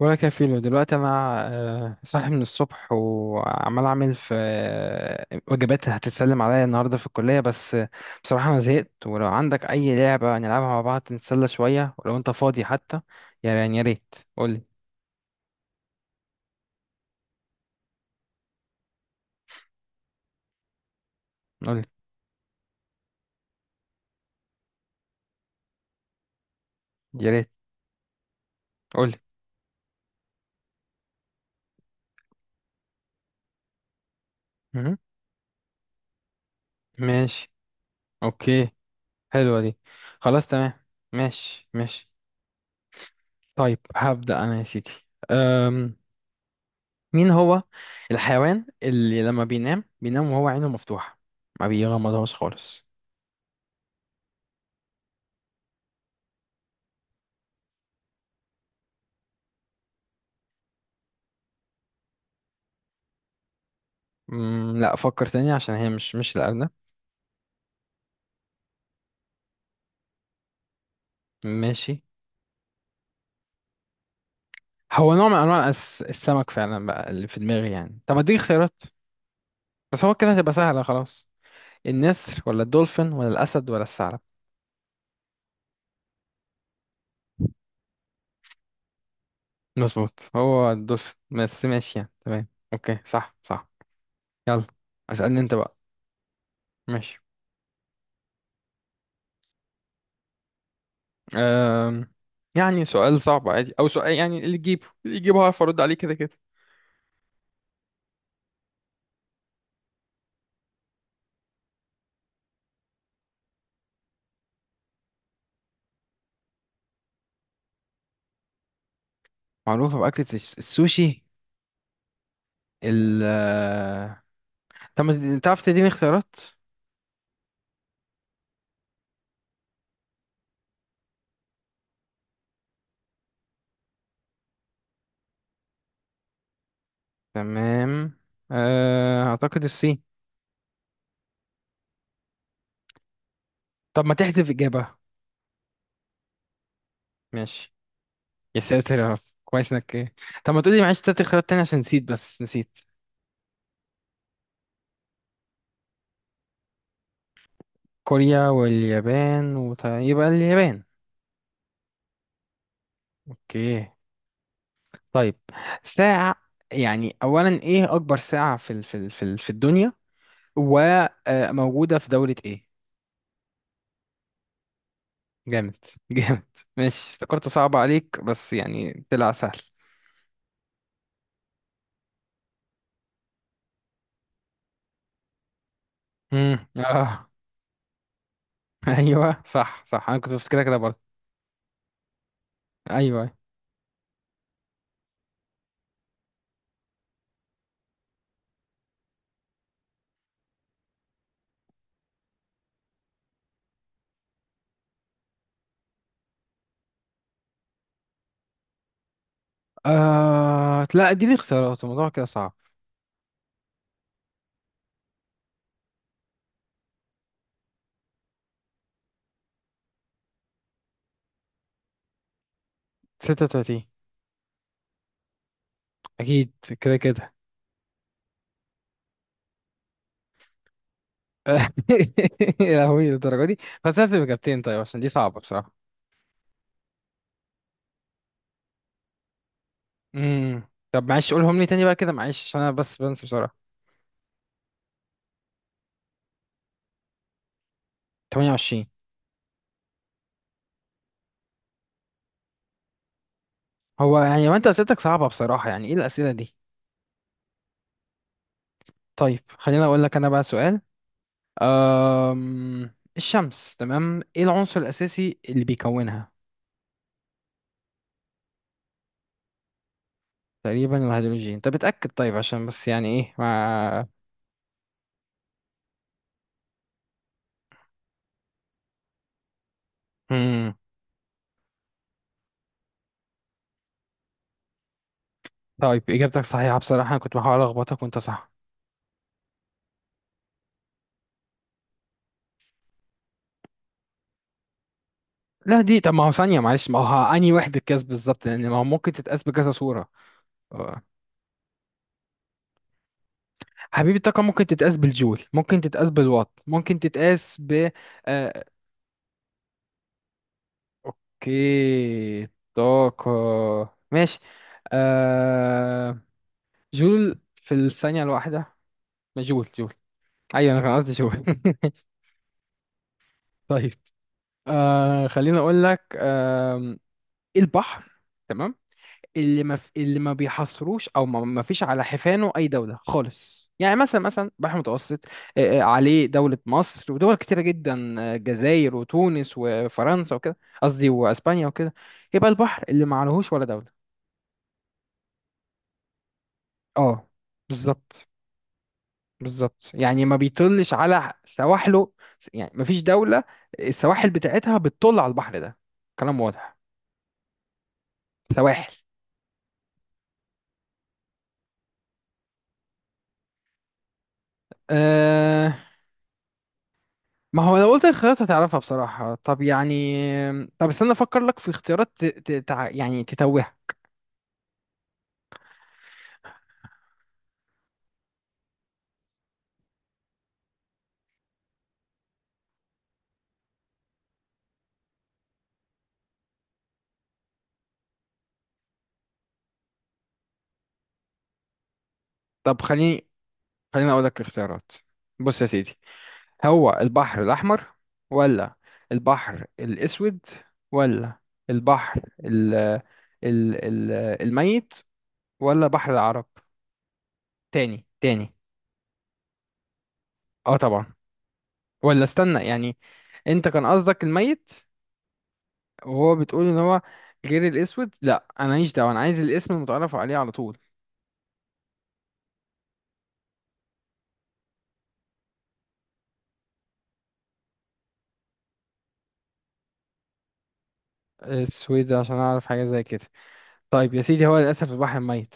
ولا كفيله دلوقتي انا صاحي من الصبح وعمال اعمل في وجبات هتتسلم عليا النهارده في الكليه، بس بصراحه انا زهقت. ولو عندك اي لعبه نلعبها مع بعض نتسلى شويه، ولو انت فاضي حتى، يعني يا ريت قولي. قولي يا ريت. قولي. مهم. ماشي. اوكي. حلوه دي. خلاص تمام. ماشي ماشي. طيب هبدا انا يا سيدي. مين هو الحيوان اللي لما بينام بينام وهو عينه مفتوحة؟ ما بيغمضهاش خالص. مم، لا فكر تاني عشان هي مش الأرنب. ماشي. هو نوع من أنواع السمك فعلا بقى اللي في دماغي يعني. طب اديك اختيارات بس هو كده هتبقى سهلة خلاص. النسر ولا الدولفين ولا الأسد ولا الثعلب؟ مظبوط هو الدولفين، بس ماشي يعني تمام. أوكي صح صح. يلا اسألني أنت بقى. ماشي. أم... يعني سؤال صعب عادي أو سؤال، يعني اللي تجيبه اللي تجيبه هعرف أرد عليه كده كده. معروفة بأكلة السوشي. ال آه، طب ما تعرف تديني اختيارات. تمام. أعتقد الصين. طب ما تحذف إجابة. ماشي. يا ساتر يا رب. كويس إنك إيه. طب ما تقولي معلش تلات اختيارات تانية عشان نسيت، بس نسيت. كوريا واليابان يبقى اليابان. أوكي. طيب. ساعة. يعني أولا إيه أكبر ساعة في الدنيا، وموجودة في دولة إيه؟ جامد جامد. ماشي افتكرته صعب عليك بس يعني طلع سهل. اه. ايوه صح صح، انا كنت بفتكرها كده برضه. ايوه أيوة. آه لا دي اختيارات الموضوع كده صعب. 36 اكيد. كده كده. يا لهوي للدرجه دي. بس هات اجابتين طيب عشان دي صعبه بصراحه. طب معلش قولهم لي تاني بقى كده معلش، عشان انا بس بنسى بسرعه. 28. هو يعني ما انت اسئلتك صعبه بصراحه، يعني ايه الاسئله دي. طيب خليني اقول لك انا بقى سؤال. الشمس تمام، ايه العنصر الأساسي اللي بيكونها؟ تقريبا الهيدروجين. طب اتأكد طيب، عشان بس يعني ايه ما. مم. طيب إجابتك صحيحة، بصراحة أنا كنت بحاول ألخبطك وأنت صح. لا دي، طب ما هو ثانية معلش، ما هو أنهي وحدة قياس بالظبط، لأن ما هو ممكن تتقاس بكذا صورة. آه. حبيبي الطاقة ممكن تتقاس بالجول، ممكن تتقاس بالوات، ممكن تتقاس. آه... أوكي. طاقة. ماشي. آه... جول في الثانية الواحدة. جول. ايوه انا كان قصدي جول. طيب آه خليني اقول لك آه. البحر، تمام، اللي ما في، اللي ما بيحصروش، او ما فيش على حفانه اي دوله خالص، يعني مثلا مثلا البحر المتوسط عليه دوله مصر ودول كتيره جدا، الجزائر وتونس وفرنسا وكده، قصدي واسبانيا وكده. يبقى البحر اللي ما عليهوش ولا دوله. اه بالظبط. بالظبط، يعني ما بيطلش على سواحله، يعني ما فيش دولة السواحل بتاعتها بتطل على البحر ده. كلام واضح. سواحل. أه. ما هو لو قلت الخيارات هتعرفها بصراحة، طب يعني. طب استنى افكر لك في اختيارات يعني تتوهها. طب خليني اقول لك الاختيارات. بص يا سيدي، هو البحر الاحمر، ولا البحر الاسود، ولا البحر ال... ال... الميت، ولا بحر العرب؟ تاني تاني. اه طبعا. ولا استنى يعني، انت كان قصدك الميت وهو بتقول ان هو غير الاسود؟ لا انا ماليش دعوه، انا عايز الاسم المتعرف عليه على طول. اسود عشان اعرف حاجه زي كده. طيب يا سيدي هو للاسف البحر الميت.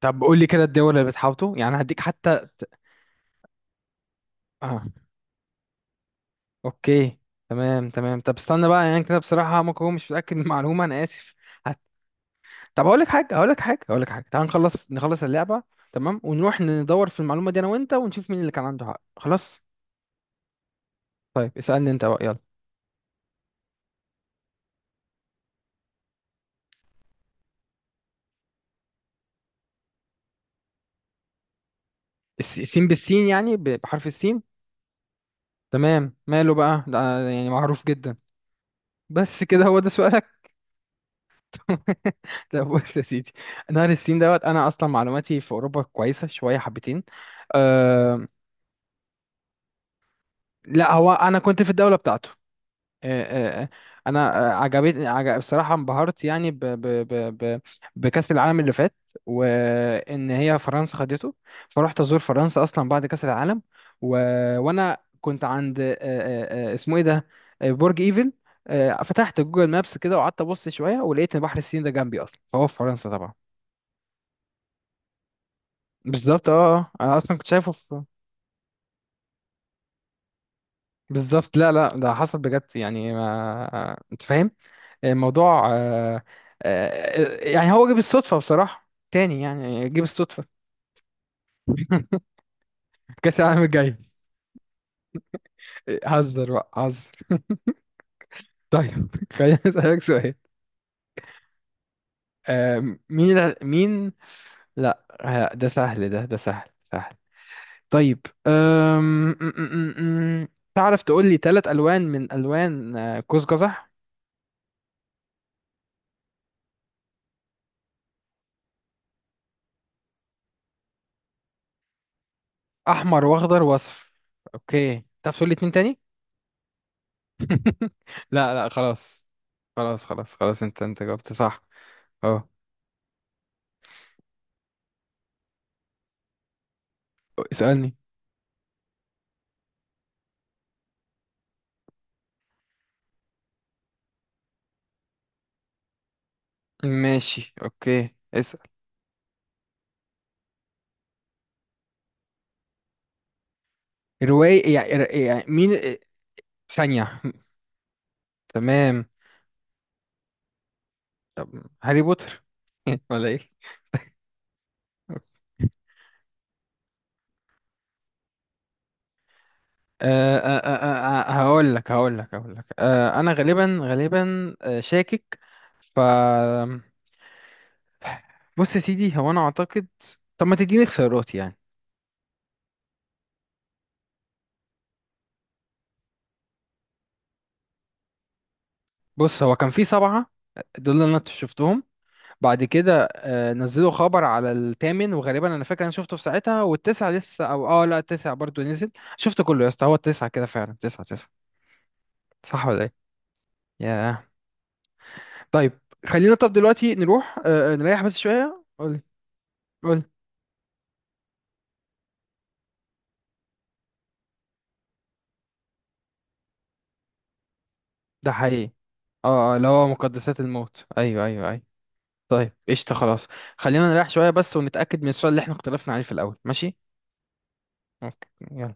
طب قول لي كده الدول اللي بتحاوطه، يعني هديك حتى. اه. اوكي. تمام تمام. طب استنى بقى، يعني كده بصراحه ممكن هو مش متاكد من المعلومه، انا اسف. هت... طب هقول لك حاجه هقول لك حاجه، تعال نخلص اللعبه تمام، ونروح ندور في المعلومه دي انا وانت، ونشوف مين اللي كان عنده حق. خلاص. طيب اسألني انت بقى يلا. السين بالسين، يعني بحرف السين. تمام، ماله بقى ده، يعني معروف جدا. بس كده هو ده سؤالك؟ لا بص يا سيدي، نهر السين دوت، انا اصلا معلوماتي في اوروبا كويسة شوية حبتين. أه. لا هو انا كنت في الدولة بتاعته. آه، آه، آه. انا عجبتني عجب، بصراحه انبهرت يعني ب ب ب ب بكاس العالم اللي فات، وان هي فرنسا خدته، فروحت ازور فرنسا اصلا بعد كاس العالم. و... وانا كنت عند اسمه ايه ده، برج ايفل. فتحت جوجل مابس كده، وقعدت ابص شويه، ولقيت ان بحر السين ده جنبي اصلا، فهو في فرنسا طبعا. بالظبط اه آه. انا اصلا كنت شايفه في. بالظبط. لا لا، ده حصل بجد يعني ما... انت فاهم الموضوع يعني هو جه بالصدفة بصراحة، تاني يعني جه بالصدفة. كأس العالم الجاي. هزر بقى هزر. طيب. خليني أسألك سؤال. مين مين. لا ده سهل، ده ده سهل سهل. طيب أم... م- م- م- م. تعرف تقول لي ثلاث ألوان من ألوان قوس قزح. أحمر وأخضر وأصفر. أوكي تعرف تقول لي اتنين تاني؟ لا لا خلاص. خلاص خلاص خلاص انت جاوبت صح. اه. اسألني. ماشي اوكي اسأل. رواية، يعني يعني مين ثانية. تمام. طب هاري بوتر. ولا ايه. أه أه أه هقول لك هقول لك. أه انا غالبا غالبا شاكك ف بص يا سيدي هو انا اعتقد. طب ما تديني اختيارات يعني. بص هو كان في سبعة دول اللي انا شفتهم، بعد كده نزلوا خبر على الثامن، وغالبا انا فاكر انا شفته في ساعتها، والتسعة لسه، او اه لا التسعة برضو نزل. شفت كله يا اسطى، هو التسعة كده فعلا، تسعة تسعة؟ صح ولا ايه. ياه. طيب. خلينا طب دلوقتي نروح نريح بس شوية. قولي. قولي. ده حقيقي. اه اه، اللي هو مقدسات الموت، ايوه ايوه ايوه. طيب قشطة خلاص. خلينا نريح شوية بس، ونتأكد من السؤال اللي احنا اختلفنا عليه في الأول، ماشي. اوكي يلا.